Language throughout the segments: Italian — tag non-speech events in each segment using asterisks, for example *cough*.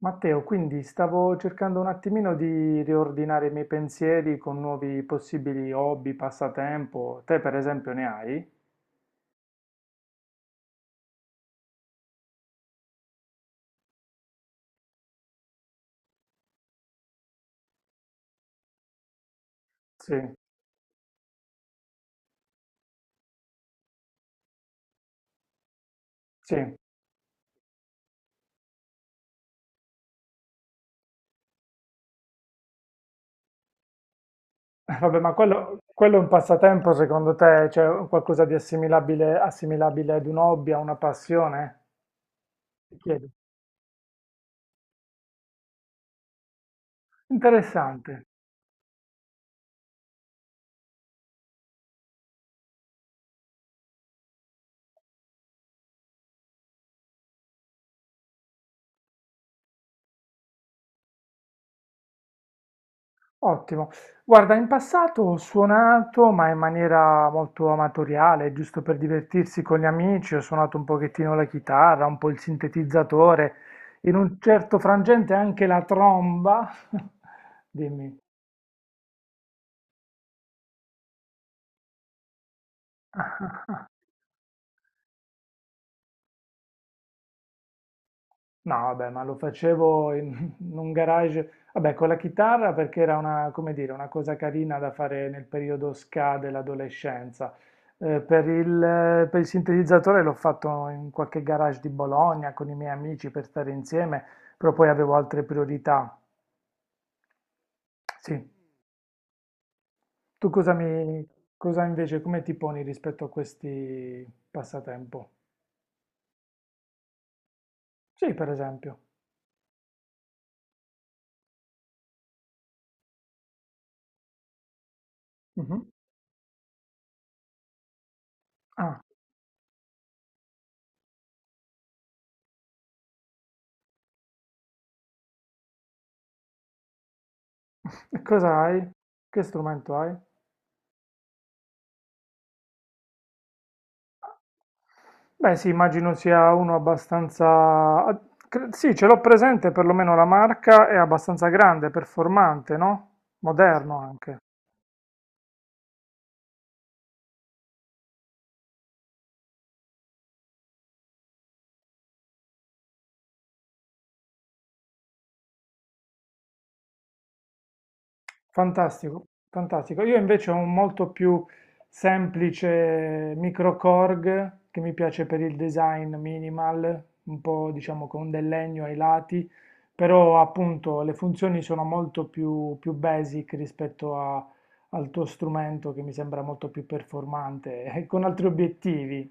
Matteo, quindi stavo cercando un attimino di riordinare i miei pensieri con nuovi possibili hobby, passatempo. Te, per esempio, ne hai? Sì, sì. *laughs* Vabbè, ma quello è un passatempo, secondo te? C'è qualcosa di assimilabile, assimilabile ad un hobby, a una passione? Ti chiedo. Interessante. Ottimo. Guarda, in passato ho suonato, ma in maniera molto amatoriale, giusto per divertirsi con gli amici, ho suonato un pochettino la chitarra, un po' il sintetizzatore, in un certo frangente anche la tromba. *laughs* Dimmi. No, vabbè, ma lo facevo in, *laughs* in un garage, vabbè, con la chitarra perché era una, come dire, una cosa carina da fare nel periodo ska dell'adolescenza. Per il sintetizzatore l'ho fatto in qualche garage di Bologna con i miei amici per stare insieme, però poi avevo altre priorità. Sì, tu cosa invece, come ti poni rispetto a questi passatempo? Sì, per esempio. Mhm. Ah, *laughs* e cosa hai? Che strumento hai? Beh, sì, immagino sia uno abbastanza... ah, Sì, ce l'ho presente, perlomeno la marca è abbastanza grande, performante, no? Moderno anche. Fantastico, fantastico. Io invece ho un molto più semplice micro Korg che mi piace per il design minimal, un po' diciamo con del legno ai lati, però appunto le funzioni sono molto più, più basic al tuo strumento che mi sembra molto più performante *laughs* e con altri obiettivi.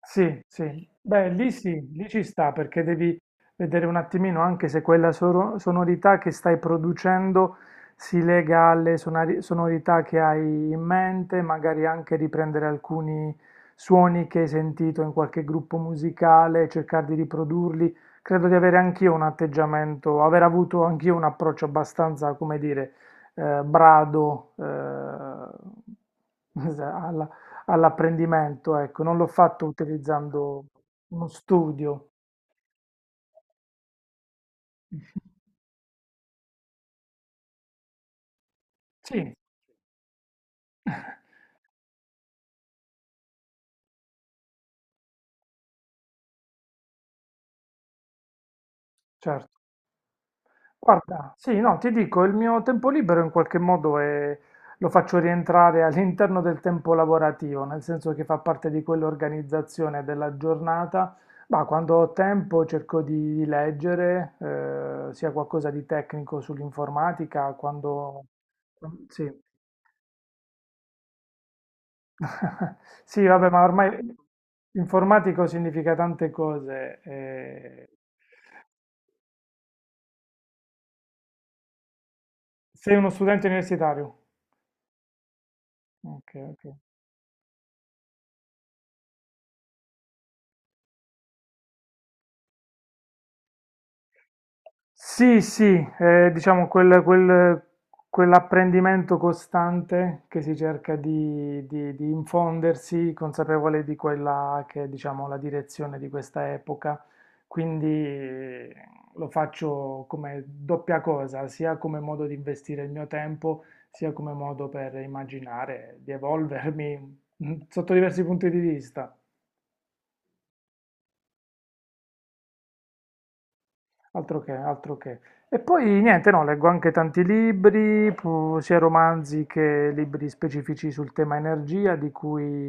Sì, sì, beh, lì sì, lì ci sta perché devi vedere un attimino anche se quella sonorità che stai producendo si lega alle sonorità che hai in mente, magari anche riprendere alcuni suoni che hai sentito in qualche gruppo musicale, cercare di riprodurli. Credo di avere anch'io un atteggiamento, aver avuto anch'io un approccio abbastanza, come dire, brado, *laughs* alla, all'apprendimento, ecco, non l'ho fatto utilizzando uno studio. *laughs* Sì, *laughs* certo. Guarda, sì, no, ti dico, il mio tempo libero in qualche modo lo faccio rientrare all'interno del tempo lavorativo, nel senso che fa parte di quell'organizzazione della giornata. Ma quando ho tempo cerco di leggere, sia qualcosa di tecnico sull'informatica, quando... Sì. *laughs* Sì, vabbè, ma ormai informatico significa tante cose. Eh. Sei uno studente universitario? Ok, ok. Sì, sì, è, diciamo quell'apprendimento costante che si cerca di infondersi, consapevole di quella che è, diciamo, la direzione di questa epoca. Quindi lo faccio come doppia cosa, sia come modo di investire il mio tempo, sia come modo per immaginare di evolvermi *laughs* mm, sotto diversi punti di vista. Altro che, altro che. E poi niente, no, leggo anche tanti libri, sia romanzi che libri specifici sul tema energia, di cui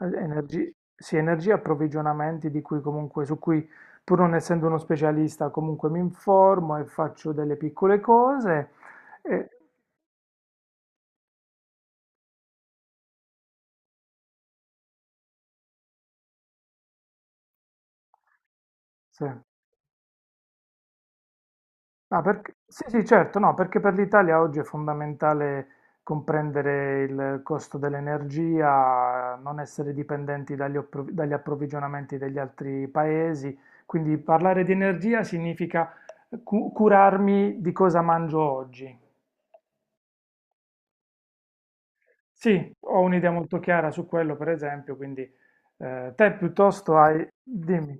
sì, energia, approvvigionamenti, di cui comunque, su cui pur non essendo uno specialista, comunque mi informo e faccio delle piccole cose. E, sì. Sì, sì, certo, no, perché per l'Italia oggi è fondamentale comprendere il costo dell'energia, non essere dipendenti dagli approvvigionamenti degli altri paesi, quindi parlare di energia significa curarmi di cosa mangio oggi. Sì, ho un'idea molto chiara su quello, per esempio, quindi te piuttosto hai... Dimmi.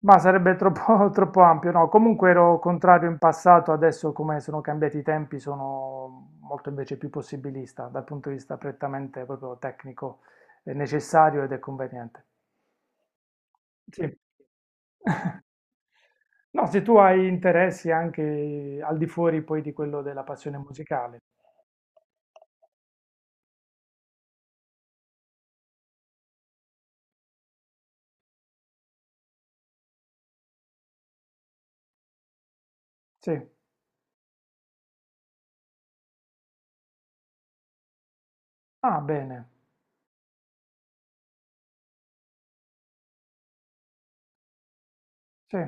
Ma sarebbe troppo, *laughs* troppo ampio, no? Comunque ero contrario in passato, adesso come sono cambiati i tempi sono molto invece più possibilista dal punto di vista prettamente proprio tecnico, è necessario ed è conveniente. Sì. No, se tu hai interessi anche al di fuori poi di quello della passione musicale. Sì. Ah, bene. Sì.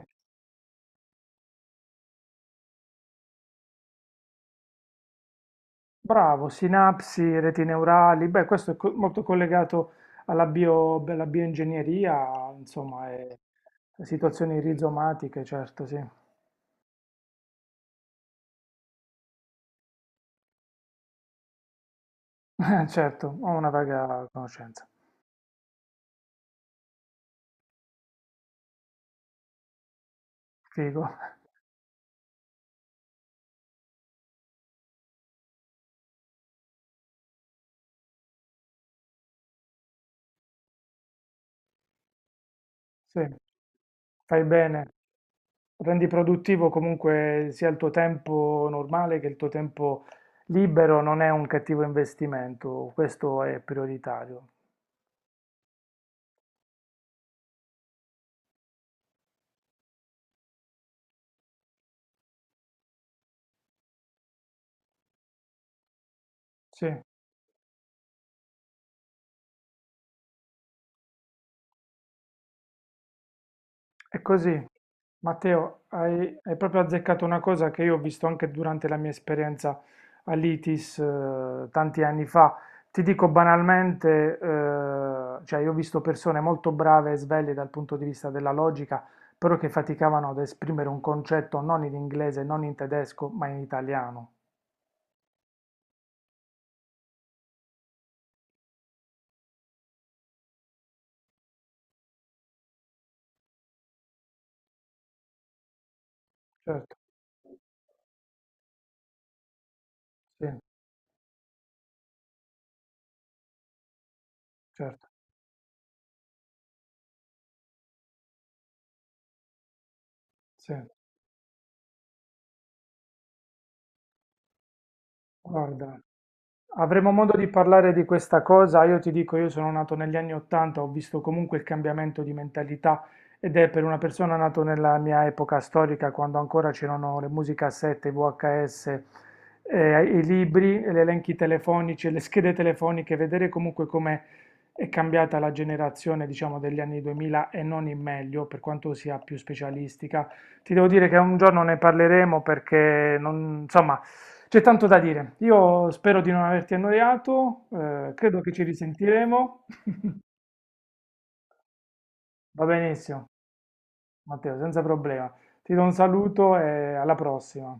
Bravo, sinapsi, reti neurali, beh, questo è molto collegato alla alla bioingegneria, insomma, e situazioni rizomatiche, certo, sì. *laughs* Certo, ho una vaga conoscenza. Figo, *laughs* sì, fai bene. Rendi produttivo comunque sia il tuo tempo normale che il tuo tempo libero, non è un cattivo investimento, questo è prioritario. Sì. È così, Matteo, hai, hai proprio azzeccato una cosa che io ho visto anche durante la mia esperienza all'ITIS tanti anni fa. Ti dico banalmente, cioè io ho visto persone molto brave e sveglie dal punto di vista della logica, però che faticavano ad esprimere un concetto non in inglese, non in tedesco, ma in italiano. Certo, sì, certo, sì. Guarda. Avremo modo di parlare di questa cosa. Io ti dico, io sono nato negli anni 80, ho visto comunque il cambiamento di mentalità ed è per una persona nato nella mia epoca storica, quando ancora c'erano le musicassette, i VHS, i libri, gli elenchi telefonici, le schede telefoniche, vedere comunque come è cambiata la generazione, diciamo, degli anni 2000 e non in meglio, per quanto sia più specialistica. Ti devo dire che un giorno ne parleremo perché non, insomma, c'è tanto da dire. Io spero di non averti annoiato, credo che ci risentiremo. *laughs* Va benissimo, Matteo, senza problema. Ti do un saluto e alla prossima.